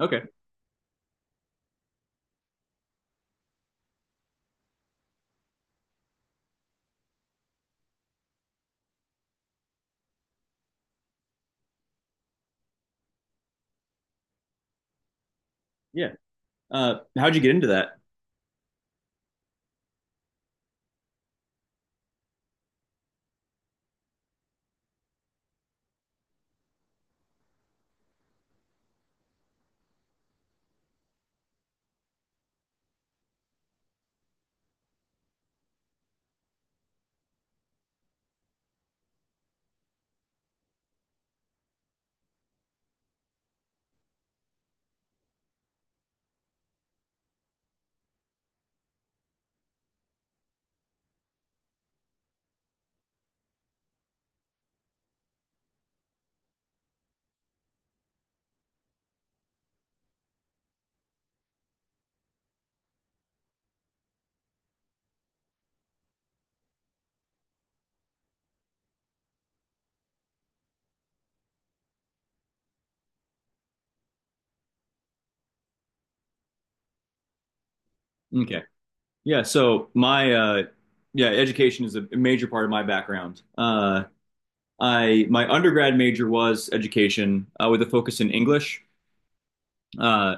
Okay. Yeah. How'd you get into that? Okay. Yeah. So education is a major part of my background. I My undergrad major was education, with a focus in English. Uh,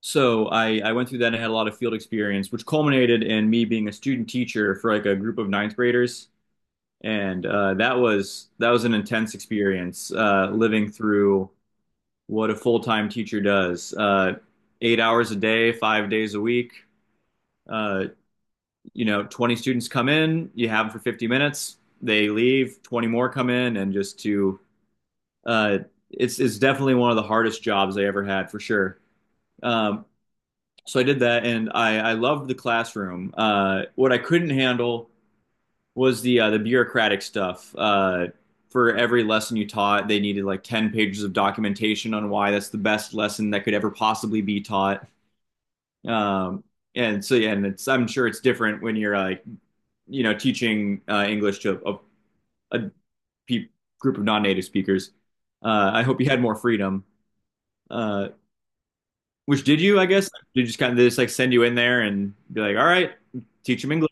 so I went through that and had a lot of field experience, which culminated in me being a student teacher for like a group of ninth graders. And that was an intense experience, living through what a full time teacher does, 8 hours a day, 5 days a week. Uh, 20 students come in, you have them for 50 minutes, they leave, 20 more come in, and uh, it's definitely one of the hardest jobs I ever had, for sure. Um, so I did that, and I loved the classroom. What I couldn't handle was the bureaucratic stuff. For every lesson you taught, they needed like 10 pages of documentation on why that's the best lesson that could ever possibly be taught. Um, and so, yeah, I'm sure it's different when you're teaching English to a pe- group of non-native speakers. I hope you had more freedom. Uh, which did you? I guess, did you just kind of just like send you in there and be like, all right, teach them English?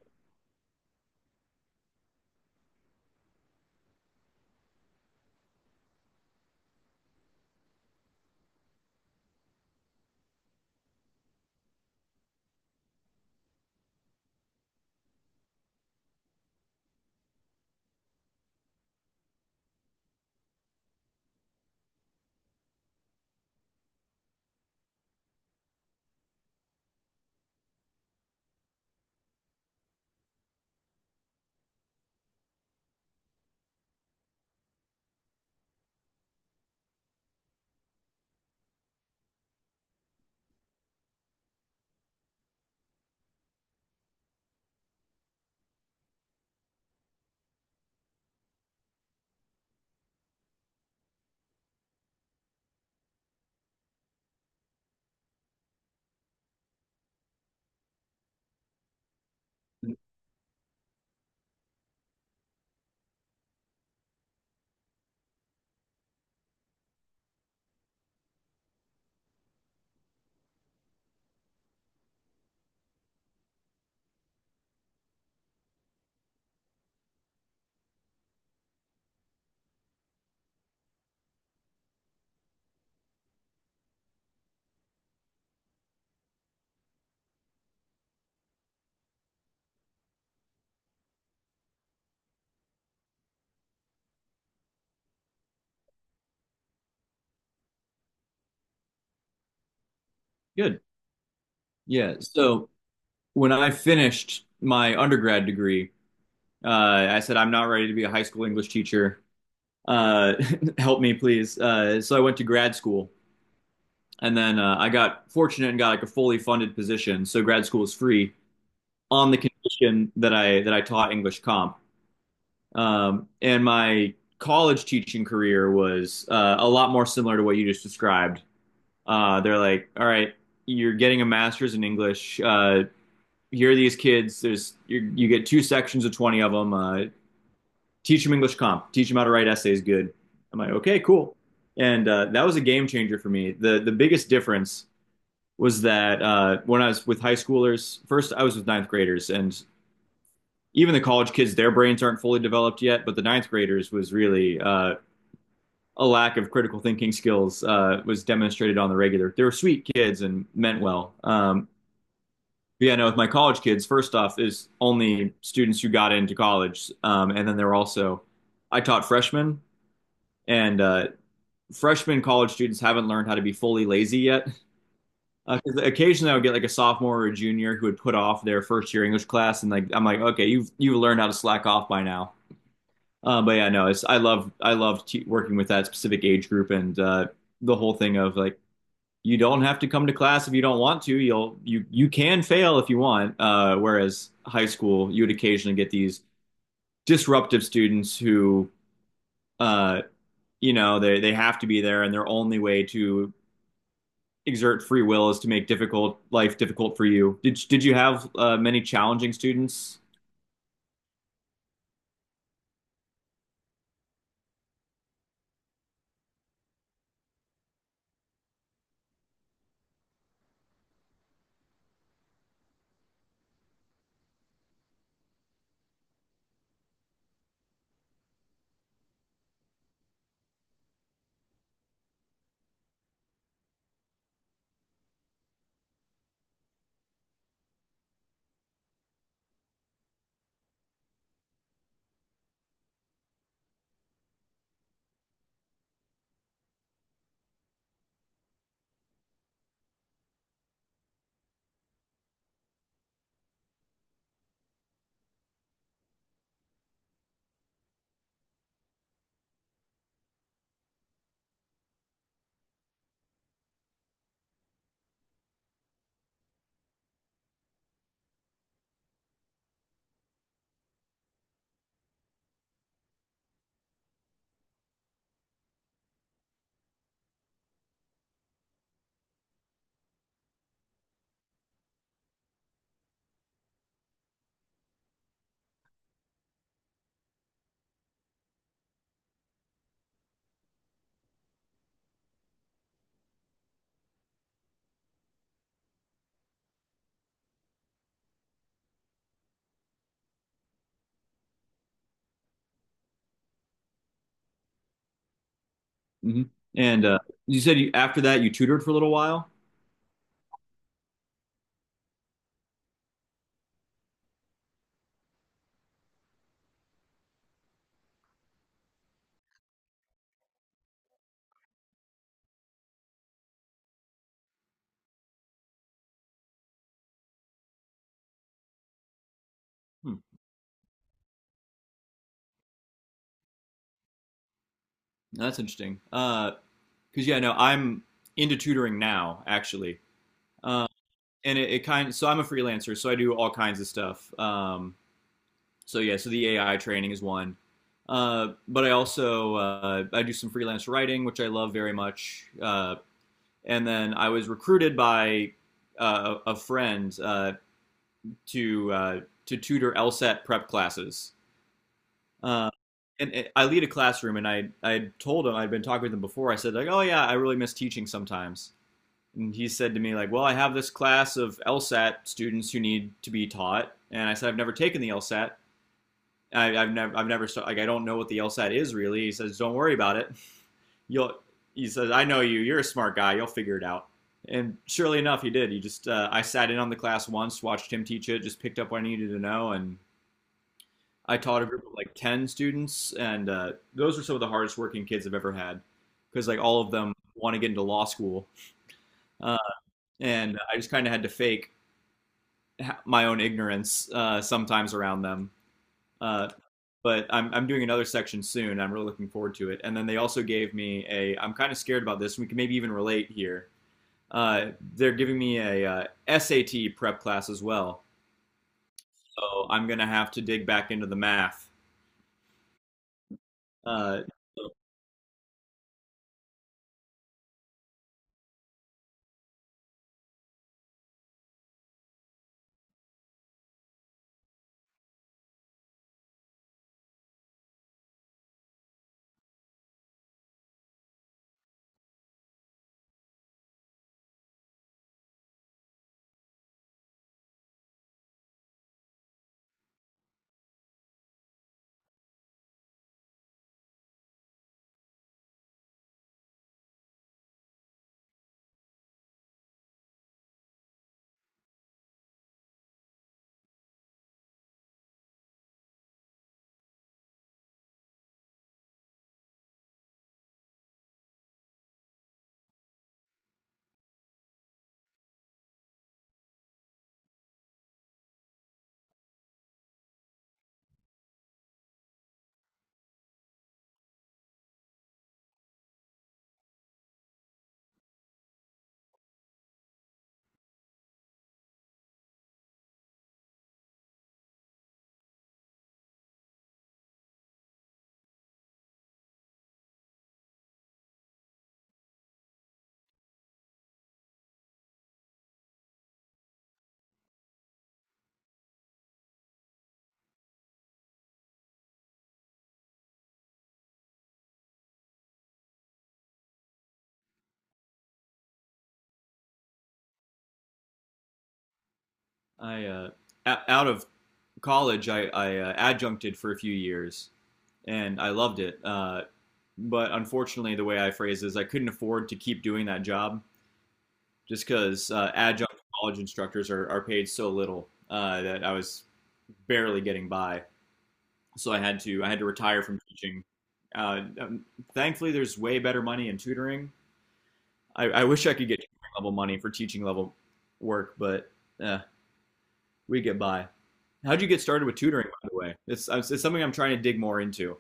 Good. Yeah. So when I finished my undergrad degree, I said I'm not ready to be a high school English teacher. Uh, Help me, please. So I went to grad school, and then I got fortunate and got like a fully funded position. So grad school is free, on the condition that I taught English comp. And my college teaching career was a lot more similar to what you just described. They're like, "All right, you're getting a master's in English. Here are these kids. There's you you get two sections of 20 of them. Teach them English comp. Teach them how to write essays." Good. I'm like, "Okay, cool." And that was a game changer for me. The biggest difference was that, when I was with high schoolers. First I was with ninth graders, and even the college kids, their brains aren't fully developed yet. But the ninth graders was really, a lack of critical thinking skills was demonstrated on the regular. They were sweet kids and meant well. But yeah, no, with my college kids, first off, is only students who got into college, and then there were also I taught freshmen, and freshman college students haven't learned how to be fully lazy yet. 'Cause occasionally, I would get like a sophomore or a junior who would put off their first year English class, and like I'm like, "Okay, you've learned how to slack off by now." But yeah, no, it's I love te working with that specific age group, and the whole thing of like, you don't have to come to class if you don't want to. You can fail if you want. Whereas high school, you would occasionally get these disruptive students who, uh, you know, they have to be there, and their only way to exert free will is to make difficult life difficult for you. Did you have, many challenging students? Hmm. And you said after that you tutored for a little while. Hmm, that's interesting. Because yeah, no, I'm into tutoring now, actually, uh, and it kind. Of, so I'm a freelancer, so I do all kinds of stuff. So yeah, so the AI training is one, but I also, I do some freelance writing, which I love very much. And then I was recruited by a friend to uh, to tutor LSAT prep classes. Uh, I lead a classroom, and I told him I'd been talking with him before. I said like, "Oh yeah, I really miss teaching sometimes," and he said to me like, "Well, I have this class of LSAT students who need to be taught," and I said, "I've never taken the LSAT. I, I've never, stu- Like, I don't know what the LSAT is, really." He says, "Don't worry about it. You'll," he says, "I know you. You're a smart guy. You'll figure it out." And surely enough, he did. I sat in on the class once, watched him teach it, just picked up what I needed to know, and I taught a group of like 10 students, and those were some of the hardest working kids I've ever had, because like all of them want to get into law school, uh, and I just kind of had to fake my own ignorance, sometimes around them. Uh, but I'm doing another section soon. I'm really looking forward to it. And then they also gave me a. I'm kind of scared about this. We can maybe even relate here. Uh, they're giving me a SAT prep class as well. So I'm gonna have to dig back into the math. Uh, I Out of college, I adjuncted for a few years, and I loved it. But unfortunately, the way I phrase it is, I couldn't afford to keep doing that job, just because adjunct college instructors are paid so little, that I was barely getting by. So I had to retire from teaching. Uh, um, Thankfully, there's way better money in tutoring. I wish I could get tutoring level money for teaching level work, but eh, we get by. How'd you get started with tutoring, by the way? It's something I'm trying to dig more into.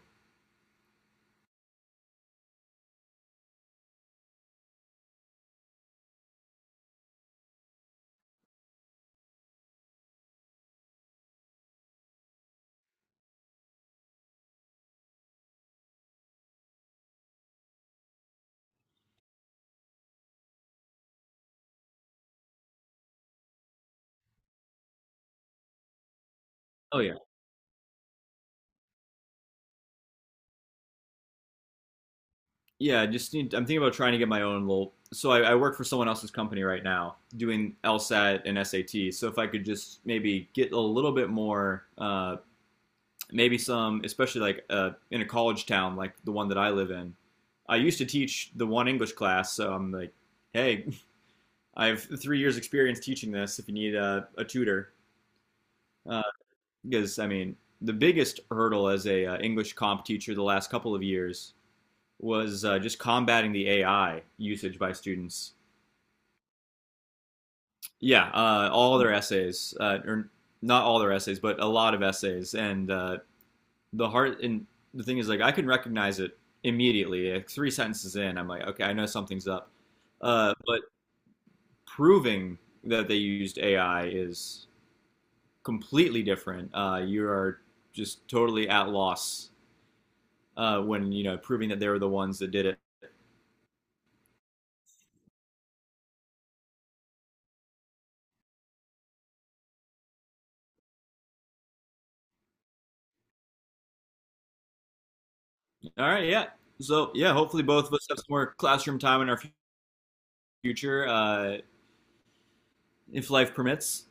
Oh yeah. Yeah, I just need. I'm thinking about trying to get my own little. So I work for someone else's company right now, doing LSAT and SAT. So if I could just maybe get a little bit more, maybe some, especially like in a college town like the one that I live in. I used to teach the one English class, so I'm like, "Hey, I have 3 years experience teaching this. If you need a tutor." uh, because I mean, the biggest hurdle as a, English comp teacher the last couple of years was, just combating the AI usage by students. Yeah, all their essays, or not all their essays, but a lot of essays. And the thing is, like, I can recognize it immediately. Like, three sentences in, I'm like, "Okay, I know something's up." But proving that they used AI is completely different. You are just totally at loss, when you know proving that they were the ones that did it. All right, yeah. So yeah, hopefully both of us have some more classroom time in our future, if life permits.